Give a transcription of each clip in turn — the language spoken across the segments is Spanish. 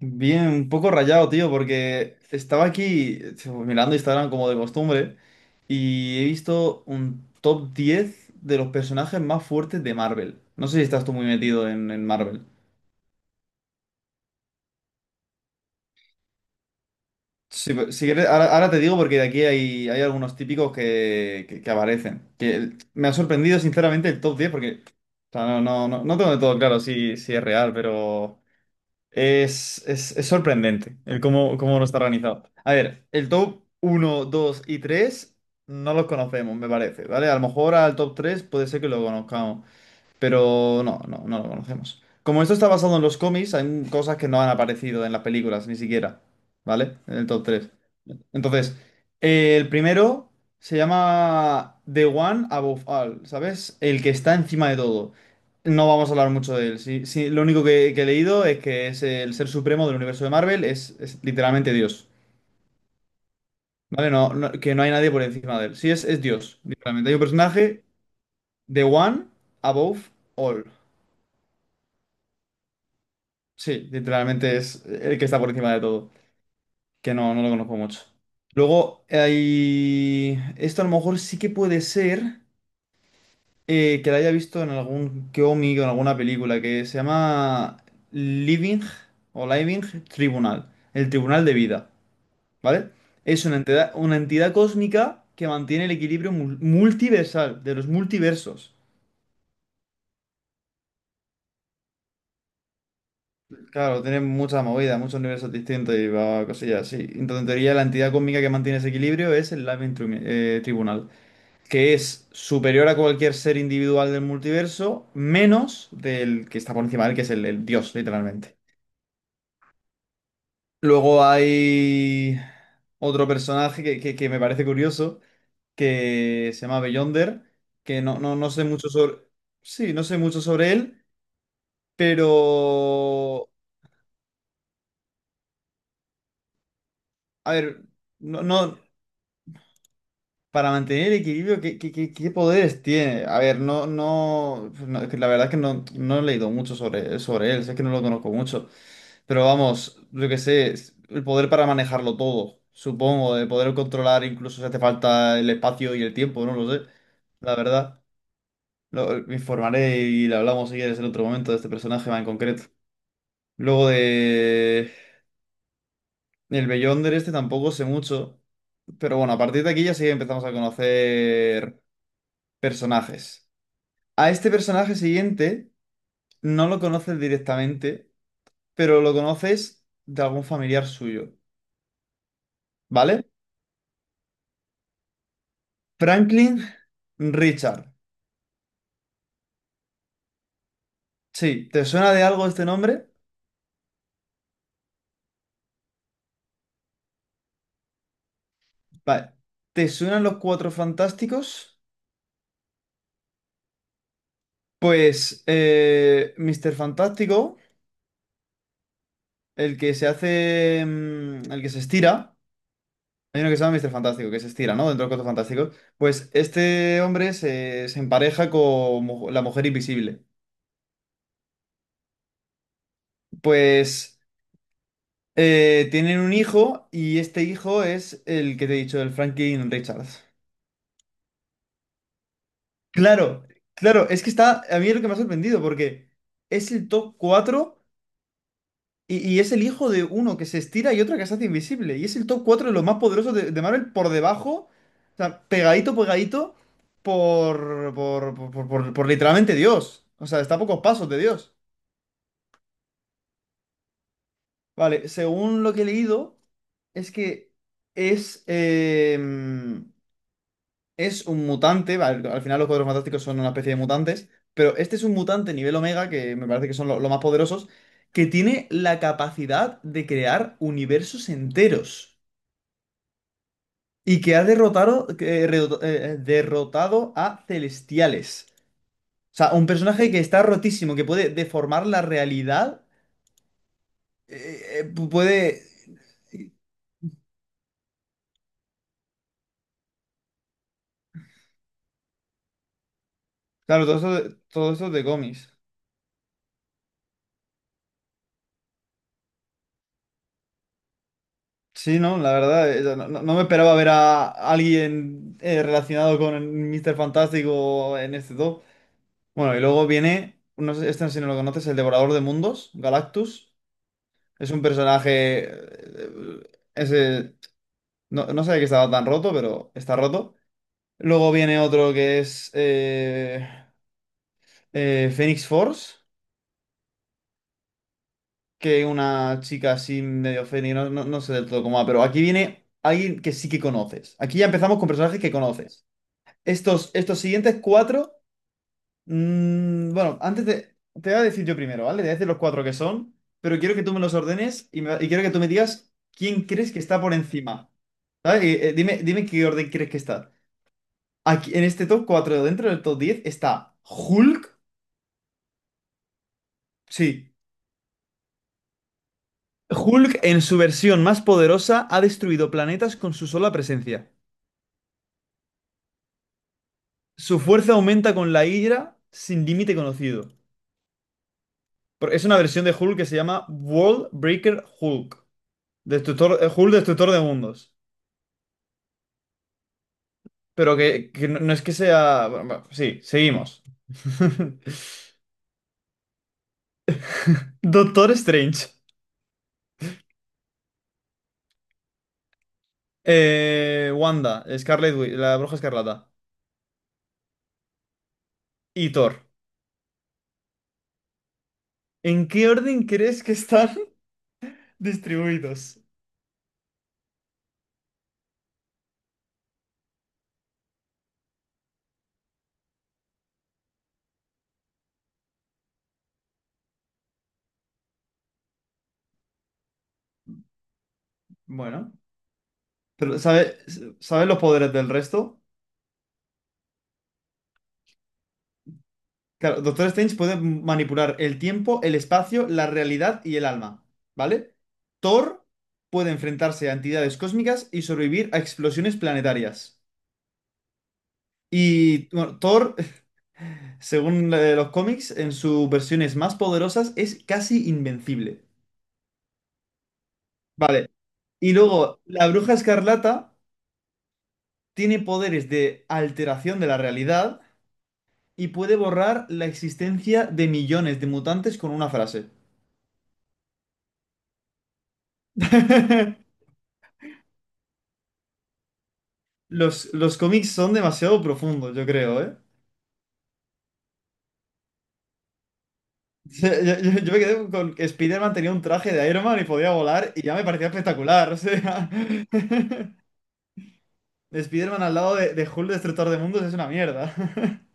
Bien, un poco rayado, tío, porque estaba aquí mirando Instagram como de costumbre y he visto un top 10 de los personajes más fuertes de Marvel. No sé si estás tú muy metido en Marvel. Si quieres, ahora te digo porque de aquí hay algunos típicos que aparecen. Me ha sorprendido sinceramente el top 10 porque o sea, no tengo de todo claro si es real, pero... Es sorprendente el cómo no está organizado. A ver, el top uno 2 y 3 no los conocemos, me parece, ¿vale? A lo mejor al top 3 puede ser que lo conozcamos, pero no lo conocemos. Como esto está basado en los cómics, cosas que no han aparecido en las películas, ni siquiera, ¿vale? En el top tres. Entonces, el primero se llama The One Above All, ¿sabes? El que está encima de todo. No vamos a hablar mucho de él. Sí, sí, lo único que he leído es que es el ser supremo del universo de Marvel, es literalmente Dios. ¿Vale? Que no hay nadie por encima de él. Sí, es Dios, literalmente. Hay un personaje, The One Above All. Sí, literalmente es el que está por encima de todo, que no lo conozco mucho. Luego, hay... esto a lo mejor sí que puede ser que lo haya visto en algún cómic o en alguna película, que se llama Living o Living Tribunal, el Tribunal de Vida, ¿vale? Es una entidad cósmica que mantiene el multiversal de los multiversos. Claro, tiene mucha movida, muchos universos distintos y va cosillas así. Entonces, en teoría, la entidad cósmica que mantiene ese equilibrio es el Tribunal, que es superior a cualquier ser individual del multiverso, menos del que está por encima de él, que es el dios, literalmente. Luego hay otro personaje que me parece curioso, que se llama Beyonder, que no sé mucho sobre... Sí, no sé mucho sobre él, pero... A ver... No, no- Para mantener el equilibrio, ¿qué poderes tiene? A ver, no, es que la verdad es que no, no he leído mucho sobre, sobre él, sé que no lo conozco mucho, pero vamos, yo que sé, es el poder para manejarlo todo, supongo, de poder controlar incluso si hace falta el espacio y el tiempo, no lo sé, la verdad. Me informaré y le hablamos si quieres en otro momento de este personaje más en concreto. Luego de... El Beyonder este tampoco sé mucho, pero bueno, a partir de aquí ya sí empezamos a conocer personajes. A este personaje siguiente no lo conoces directamente, pero lo conoces de algún familiar suyo, ¿vale? Franklin Richard. Sí, ¿te suena de algo este nombre? Vale. ¿Te suenan los Cuatro Fantásticos? Pues Mr. Fantástico, el que se hace, el que se estira, hay uno que se llama Mr. Fantástico, que se estira, ¿no? Dentro de los Cuatro Fantásticos. Pues este hombre se empareja con la mujer invisible. Pues... tienen un hijo y este hijo es el que te he dicho, el Franklin Richards. Claro, claro, es que está, a mí es lo que me ha sorprendido porque es el top 4 y es el hijo de uno que se estira y otro que se hace invisible. Y es el top 4 de los más poderosos de Marvel por debajo, o sea, pegadito, pegadito por literalmente Dios. O sea, está a pocos pasos de Dios. Vale, según lo que he leído, es que es... es un mutante, al final los Cuatro Fantásticos son una especie de mutantes, pero este es un mutante nivel Omega, que me parece que son los más poderosos, que tiene la capacidad de crear universos enteros y que ha derrotado, derrotado a Celestiales. O sea, un personaje que está rotísimo, que puede deformar la realidad, eh, eh, puede... Claro, todo todo esto de cómics. Sí, no, la verdad, no me esperaba ver a alguien relacionado con Mr. Fantástico en este top. Bueno, y luego viene, no sé, este si no lo conoces, el Devorador de Mundos, Galactus. Es un personaje, ese, no sabía que estaba tan roto, pero está roto. Luego viene otro que es Phoenix Force, que una chica así medio Phoenix, no sé del todo cómo va, pero aquí viene alguien que sí que conoces. Aquí ya empezamos con personajes que conoces. Estos siguientes cuatro, bueno, te voy a decir yo primero, ¿vale? Te voy a decir los cuatro que son, pero quiero que tú me los ordenes y quiero que tú me digas quién crees que está por encima, ¿sabes? Y, dime, dime qué orden crees que está. Aquí, en este top 4 dentro del top diez está Hulk. Sí, Hulk en su versión más poderosa ha destruido planetas con su sola presencia. Su fuerza aumenta con la Hydra sin límite conocido. Es una versión de Hulk que se llama World Breaker Hulk. Destructor, Hulk, destructor de mundos. Pero que no, no es que sea. Bueno, bueno, sí, seguimos. Doctor Strange. Wanda, Scarlet Witch, la Bruja Escarlata. Y Thor. ¿En qué orden crees que están distribuidos? Bueno, pero ¿sabes los poderes del resto? Claro, Doctor Strange puede manipular el tiempo, el espacio, la realidad y el alma, ¿vale? Thor puede enfrentarse a entidades cósmicas y sobrevivir a explosiones planetarias. Y bueno, Thor, según los cómics, en sus versiones más poderosas es casi invencible. Vale. Y luego, la Bruja Escarlata tiene poderes de alteración de la realidad y puede borrar la existencia de millones de mutantes con una frase. Los cómics son demasiado profundos, yo creo, ¿eh? Yo me quedé con que Spider-Man tenía un traje de Iron Man y podía volar y ya me parecía espectacular, o sea. Spider-Man al lado de Hulk Destructor de Mundos es una mierda.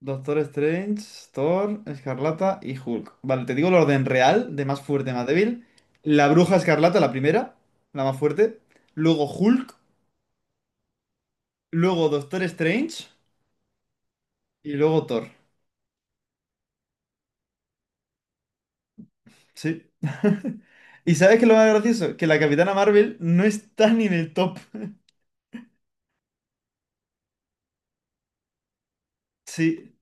Doctor Strange, Thor, Escarlata y Hulk. Vale, te digo el orden real, de más fuerte a más débil. La Bruja Escarlata, la primera, la más fuerte. Luego Hulk, luego Doctor Strange y luego Thor. Sí. ¿Y sabes qué es lo más gracioso? Que la Capitana Marvel no está ni en el top. Sí.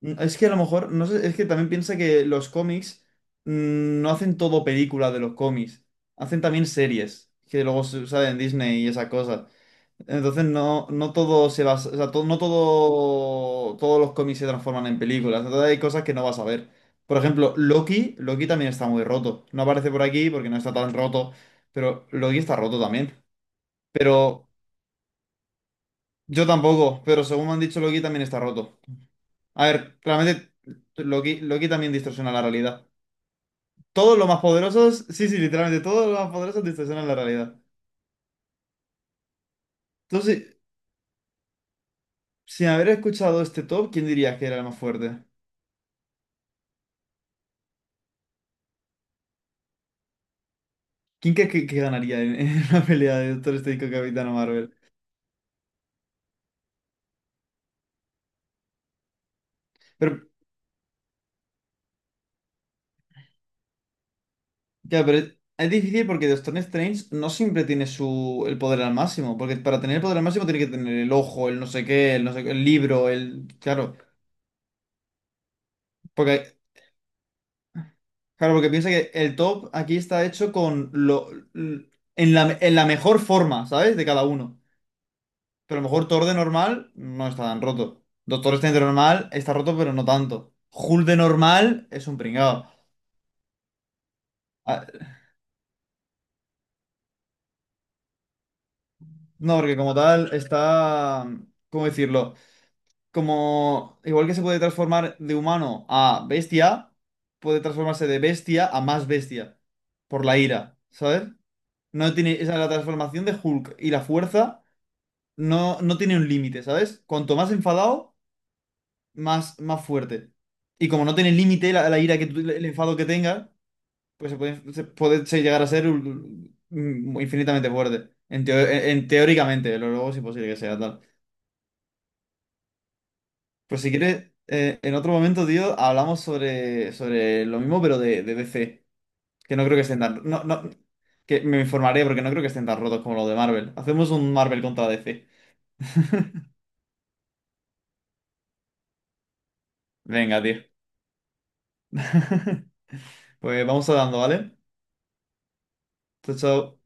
Mm, es que a lo mejor, no sé, es que también piensa que los cómics no hacen todo película de los cómics, hacen también series, que luego salen en Disney y esa cosa. Entonces no, no todo se basa, o sea, no todo, todos los cómics se transforman en películas, entonces hay cosas que no vas a ver. Por ejemplo, Loki, Loki también está muy roto. No aparece por aquí porque no está tan roto, pero Loki está roto también. Pero yo tampoco, pero según me han dicho, Loki también está roto. A ver, realmente Loki, Loki también distorsiona la realidad. Todos los más poderosos, sí, sí, literalmente todos los más poderosos distorsionan la realidad. Entonces, sin haber escuchado este top, ¿quién dirías que era el más fuerte? ¿Quién crees que ganaría en una pelea de Doctor Strange con Capitana Marvel? Pero, ya, pero es difícil porque Doctor Strange no siempre tiene su, el poder al máximo, porque para tener el poder al máximo tiene que tener el ojo, el no sé qué, el no sé qué, el libro, el... Claro, porque piensa que el top aquí está hecho con en la mejor forma, ¿sabes? De cada uno. Pero a lo mejor Thor de normal no está tan roto. Doctor Strange de normal está roto, pero no tanto. Hulk de normal es un pringao. Ah, no, porque como tal está. ¿Cómo decirlo? Como. Igual que se puede transformar de humano a bestia, puede transformarse de bestia a más bestia. Por la ira, ¿sabes? No tiene. Esa es la transformación de Hulk y la fuerza. No tiene un límite, ¿sabes? Cuanto más enfadado, más fuerte. Y como no tiene límite la ira el enfado que tenga, pues llegar a ser infinitamente fuerte. En, teo- e, en- Teóricamente, pero luego es imposible que sea tal. Pues si quieres, en otro momento, tío, hablamos sobre, sobre lo mismo, pero de DC. Que no creo que estén tan. No, no, que me informaré porque no creo que estén tan rotos como los de Marvel. Hacemos un Marvel contra DC. Venga, tío. Pues vamos hablando, ¿vale? So